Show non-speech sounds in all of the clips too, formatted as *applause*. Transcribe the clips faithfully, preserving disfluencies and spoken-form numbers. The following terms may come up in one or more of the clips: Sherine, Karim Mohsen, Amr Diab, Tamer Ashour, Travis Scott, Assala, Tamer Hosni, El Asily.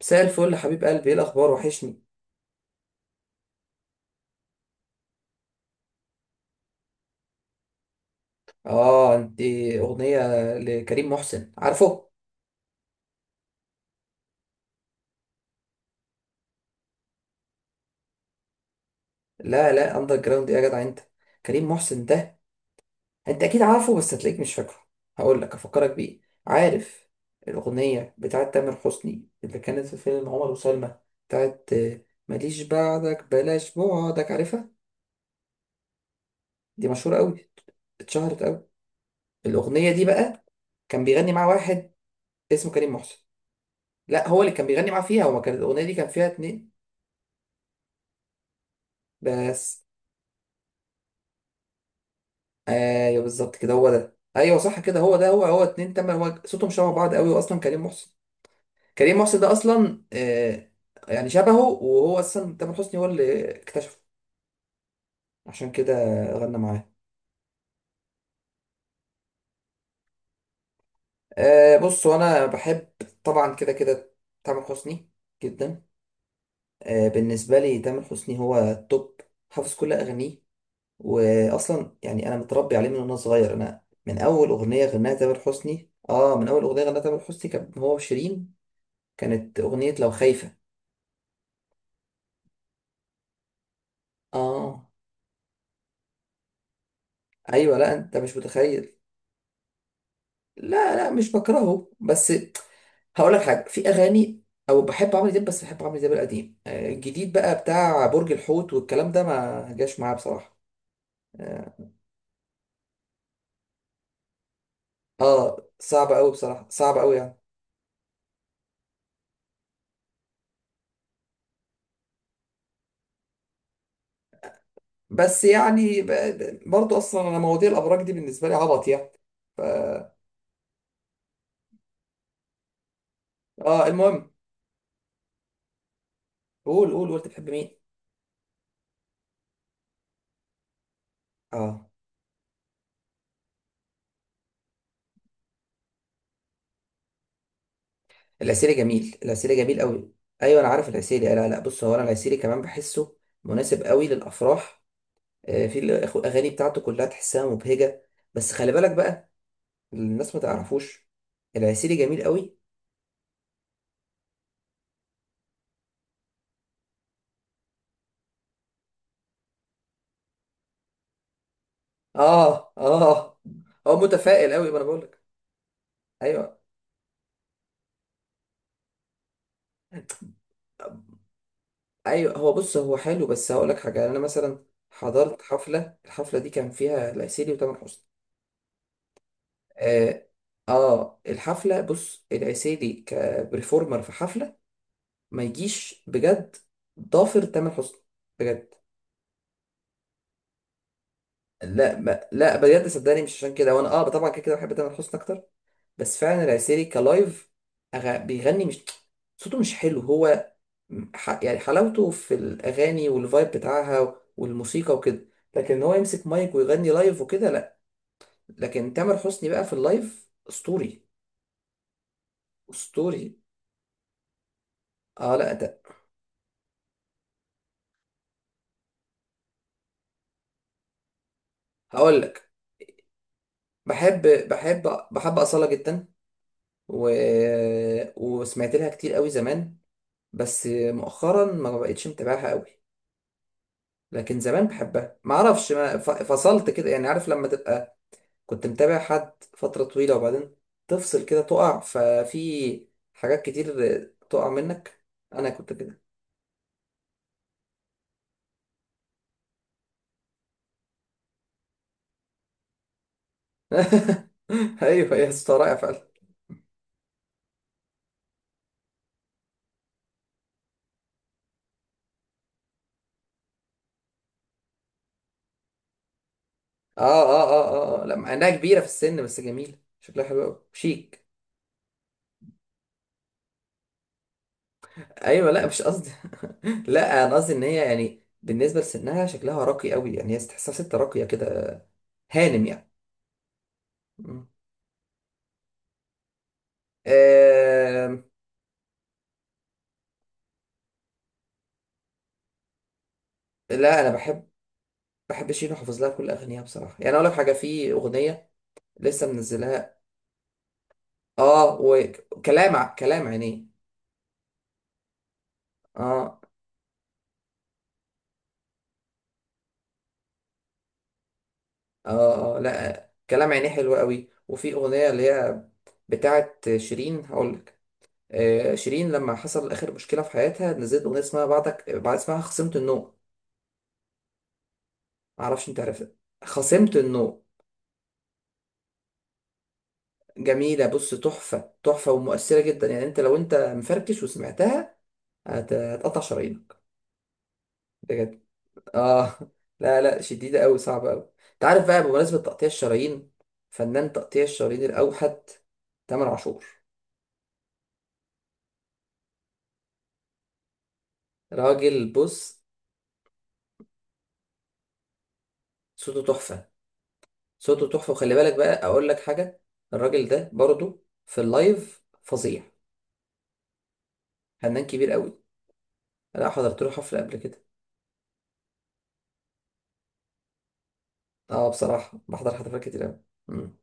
مساء الفل يا حبيب قلبي، ايه الاخبار؟ وحشني. اه، انت، اغنيه لكريم محسن، عارفه؟ لا لا، اندر جراوند ايه يا جدع انت؟ كريم محسن ده انت اكيد عارفه، بس هتلاقيك مش فاكره. هقول لك افكرك بيه. عارف الاغنيه بتاعت تامر حسني اللي كانت في فيلم عمر وسلمى؟ بتاعت آه، ماليش بعدك، بلاش بعدك، عارفها؟ دي مشهوره قوي، اتشهرت قوي. الاغنيه دي بقى كان بيغني مع واحد اسمه كريم محسن. لا، هو اللي كان بيغني معاه فيها، هو ما كانت الاغنيه دي كان فيها اتنين. بس ايوه بالظبط كده، هو ده، ايوه صح كده، هو ده، هو هو اتنين، تمام، هو صوتهم شبه بعض قوي، واصلا كريم محسن، كريم محسن ده اصلا آه يعني شبهه، وهو اصلا تامر حسني هو اللي اكتشفه، عشان كده غنى معاه. آه بص انا بحب طبعا كده كده تامر حسني جدا. آه، بالنسبه لي تامر حسني هو التوب، حافظ كل اغانيه، واصلا يعني انا متربي عليه من وانا صغير. انا من اول اغنيه غناها تامر حسني، اه من اول اغنيه غناها تامر حسني كان هو وشيرين، كانت أغنية لو خايفة. آه أيوة، لا أنت مش متخيل. لا لا، مش بكرهه، بس هقول لك حاجة، في أغاني أو بحب عمرو دياب، بس بحب عمرو دياب القديم. آه، الجديد بقى بتاع برج الحوت والكلام ده ما جاش معاه بصراحة. آه، آه، صعب أوي بصراحة، صعب أوي يعني. بس يعني ب- ب- برضه أصلا أنا مواضيع الأبراج دي بالنسبة لي عبط يعني. آه المهم، قول قول، قلت بتحب مين؟ آه، العسيلي جميل، العسيلي جميل قوي. ايوه انا عارف العسيلي. لا لا، بص هو، انا العسيلي كمان بحسه مناسب قوي للافراح. آه، في الأخ- الاغاني بتاعته كلها تحسها مبهجه، بس خلي بالك بقى، الناس ما تعرفوش، العسيلي جميل قوي. اه اه، هو متفائل قوي، ما انا بقول لك. ايوه ايوه، هو بص هو حلو، بس هقول لك حاجه. انا مثلا حضرت حفله، الحفله دي كان فيها العسيلي وتامر حسني. اه، آه، الحفله، بص العسيلي كبرفورمر في حفله ما يجيش بجد ضافر تامر حسني بجد. لا، ما لا، بجد صدقني، مش عشان كده وانا اه طبعا كده كده بحب تامر حسني اكتر، بس فعلا العسيري كلايف أغ... بيغني، مش صوته مش حلو هو، ح... يعني حلاوته في الاغاني والفايب بتاعها والموسيقى وكده، لكن هو يمسك مايك ويغني لايف وكده لا. لكن تامر حسني بقى في اللايف اسطوري، اسطوري. اه، لا ده، هقول لك، بحب بحب بحب أصالة جدا، و... وسمعت لها كتير قوي زمان، بس مؤخرا ما بقتش متابعها قوي. لكن زمان بحبها، ما اعرفش، ما ف- فصلت كده يعني، عارف لما تبقى كنت متابع حد فترة طويلة وبعدين تفصل كده، تقع ففي حاجات كتير، تقع منك. انا كنت كده. *laughs* ايوه يا اسطى، رائع فعلا. اه اه، اه اه، آه. لا مع انها كبيرة في السن، بس جميلة شكلها حلو قوي، شيك. ايوه لا مش قصدي. *laughs* لا انا قصدي ان هي يعني بالنسبة لسنها شكلها راقي قوي، يعني هي تحسها ست راقية كده، هانم، يعني. آه، لا انا بحب بحب شيرين وحافظ لها كل اغانيها بصراحه، يعني اقول لك حاجه، في اغنيه لسه منزلها. اه، وكلام ع- كلام عينيه. اه اه، اه لا، كلام عينيه حلو قوي، وفي اغنيه اللي هي بتاعت شيرين، هقول لك، آه، شيرين لما حصل اخر مشكله في حياتها نزلت اغنيه اسمها بعدك، بعد اسمها خصمت النوم، معرفش انت عارفها، خصمت النوم. جميله، بص تحفه، تحفه ومؤثره جدا، يعني انت لو انت مفركش وسمعتها هت- هتقطع شرايينك بجد. اه، لا لا، شديدة أوي، صعبة أوي. أنت عارف بقى بمناسبة تقطيع الشرايين، فنان تقطيع الشرايين الأوحد، تامر عاشور. راجل، بص صوته تحفة، صوته تحفة، وخلي بالك بقى أقول لك حاجة، الراجل ده برضو في اللايف فظيع، فنان كبير أوي، أنا حضرت له حفلة قبل كده. اه بصراحة بحضر حفلات كتير أوي. مم.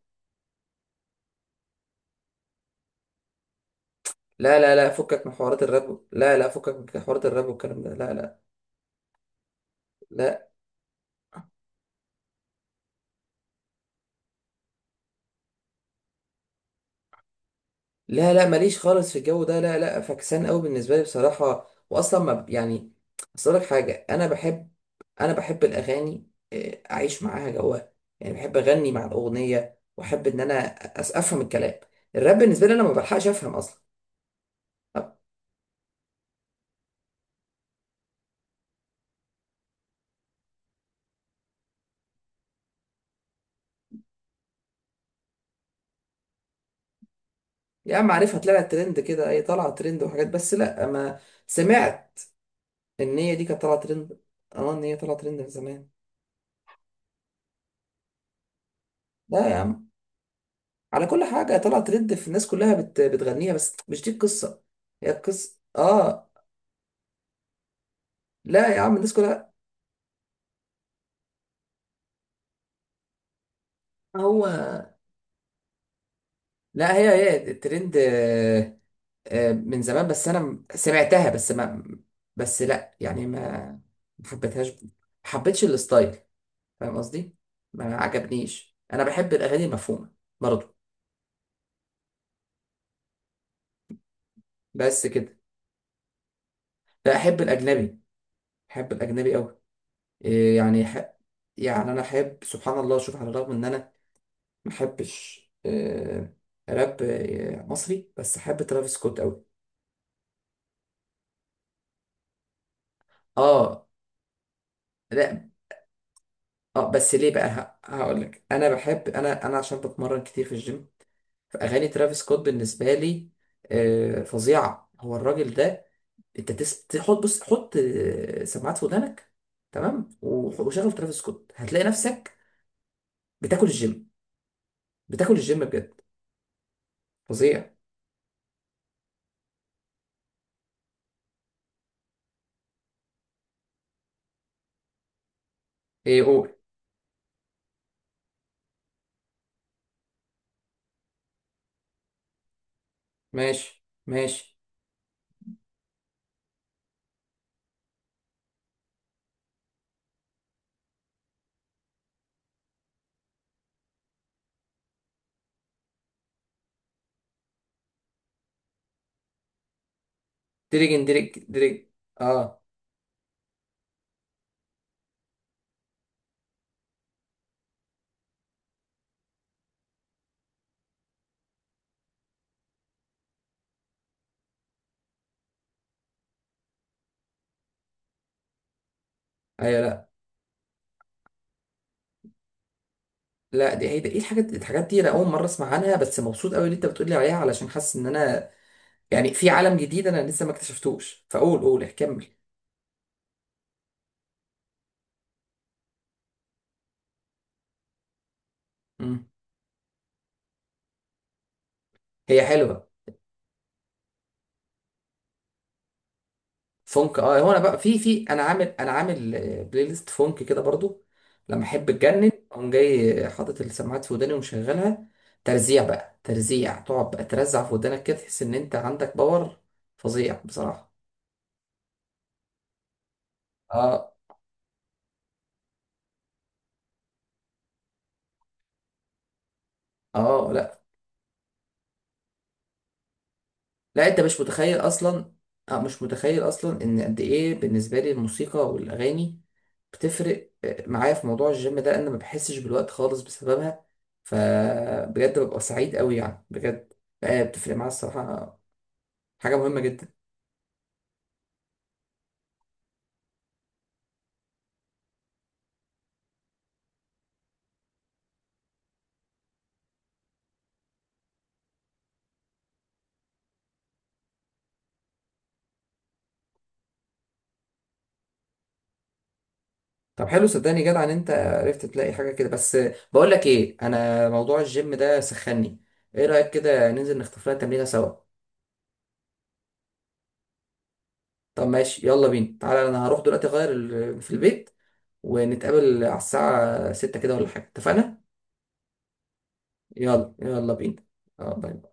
لا لا لا، فكك من حوارات الراب، لا لا، فكك من حوارات الراب والكلام ده، لا لا لا. لا لا، ماليش خالص في الجو ده، لا لا، فكسان قوي بالنسبه لي بصراحه، واصلا ما ب- يعني اصل لك حاجه، انا بحب انا بحب الاغاني، آه، اعيش معاها جواها، يعني بحب اغني مع الاغنيه واحب ان انا أس- افهم الكلام. الراب بالنسبه لي انا ما بلحقش افهم اصلا. طب يا عم عارفها، طلعت ترند كده، اي طالعه ترند وحاجات، بس لا ما سمعت ان هي دي كانت طالعه ترند. اه، ان هي طالعه ترند من زمان. لا يا عم، على كل حاجه طالعه ترند، في الناس كلها بت... بتغنيها، بس مش دي القصه، هي القصه. اه، لا يا عم، الديسكو لا. هو لا، هي هي الترند. آه، آه، من زمان بس انا م- سمعتها، بس ما بس لا يعني ما حبيتهاش، ما حبيتش الستايل، فاهم قصدي؟ ما عجبنيش، انا بحب الاغاني المفهومه برضه. بس كده. لا، احب الاجنبي، احب الاجنبي قوي. يعني ح... يعني انا احب، سبحان الله، شوف على الرغم ان انا ما احبش آه، راب آه، مصري، بس احب ترافيس سكوت قوي. اه، لا اه، بس ليه بقى ه- هقولك، انا بحب، انا انا عشان بتمرن كتير في الجيم، فاغاني ترافيس سكوت بالنسبه لي آه، فظيعه. هو الراجل ده، انت تس... تحط، بص حط آه، سماعات في ودانك، تمام و- وشغل ترافيس سكوت، هتلاقي نفسك بتاكل الجيم، بتاكل الجيم بجد، فظيع. ايه قول. ماشي ماشي. دريجن دريج دريج. اه ايوه. لا لا، دي هي دي- ايه الحاجات، الحاجات دي انا اول مره اسمع عنها، بس مبسوط قوي اللي انت بتقولي عليها علشان حاسس ان انا يعني في عالم جديد انا لسه ما اكتشفتوش، فقول قول كمل. مم. هي حلوه، فونك، اه هو انا بقى في في انا عامل انا عامل آه، بلاي ليست فونك كده برضو، لما احب اتجنن اقوم جاي حاطط السماعات في وداني ومشغلها، ترزيع بقى، ترزيع، تقعد بقى ترزع في ودانك كده، تحس ان انت عندك باور، فظيع بصراحه. اه اه، لا انت مش متخيل اصلا، اه مش متخيل اصلا ان قد ايه بالنسبه لي الموسيقى والاغاني بتفرق آه، معايا في موضوع الجيم ده، انا ما بحسش بالوقت خالص بسببها، فبجد ببقى سعيد قوي يعني بجد، آه، بتفرق معايا الصراحه، حاجه مهمه جدا. طب حلو، صدقني جدع ان انت عرفت تلاقي حاجه كده. بس آه، بقول لك ايه، انا موضوع الجيم ده سخني، ايه رايك كده ننزل نختار لنا تمرينه سوا؟ طب ماشي يلا بينا، تعالى انا هروح دلوقتي اغير ال- في البيت، ونتقابل على الساعة ستة كده ولا حاجة، اتفقنا؟ يلا يلا بينا. اه باي.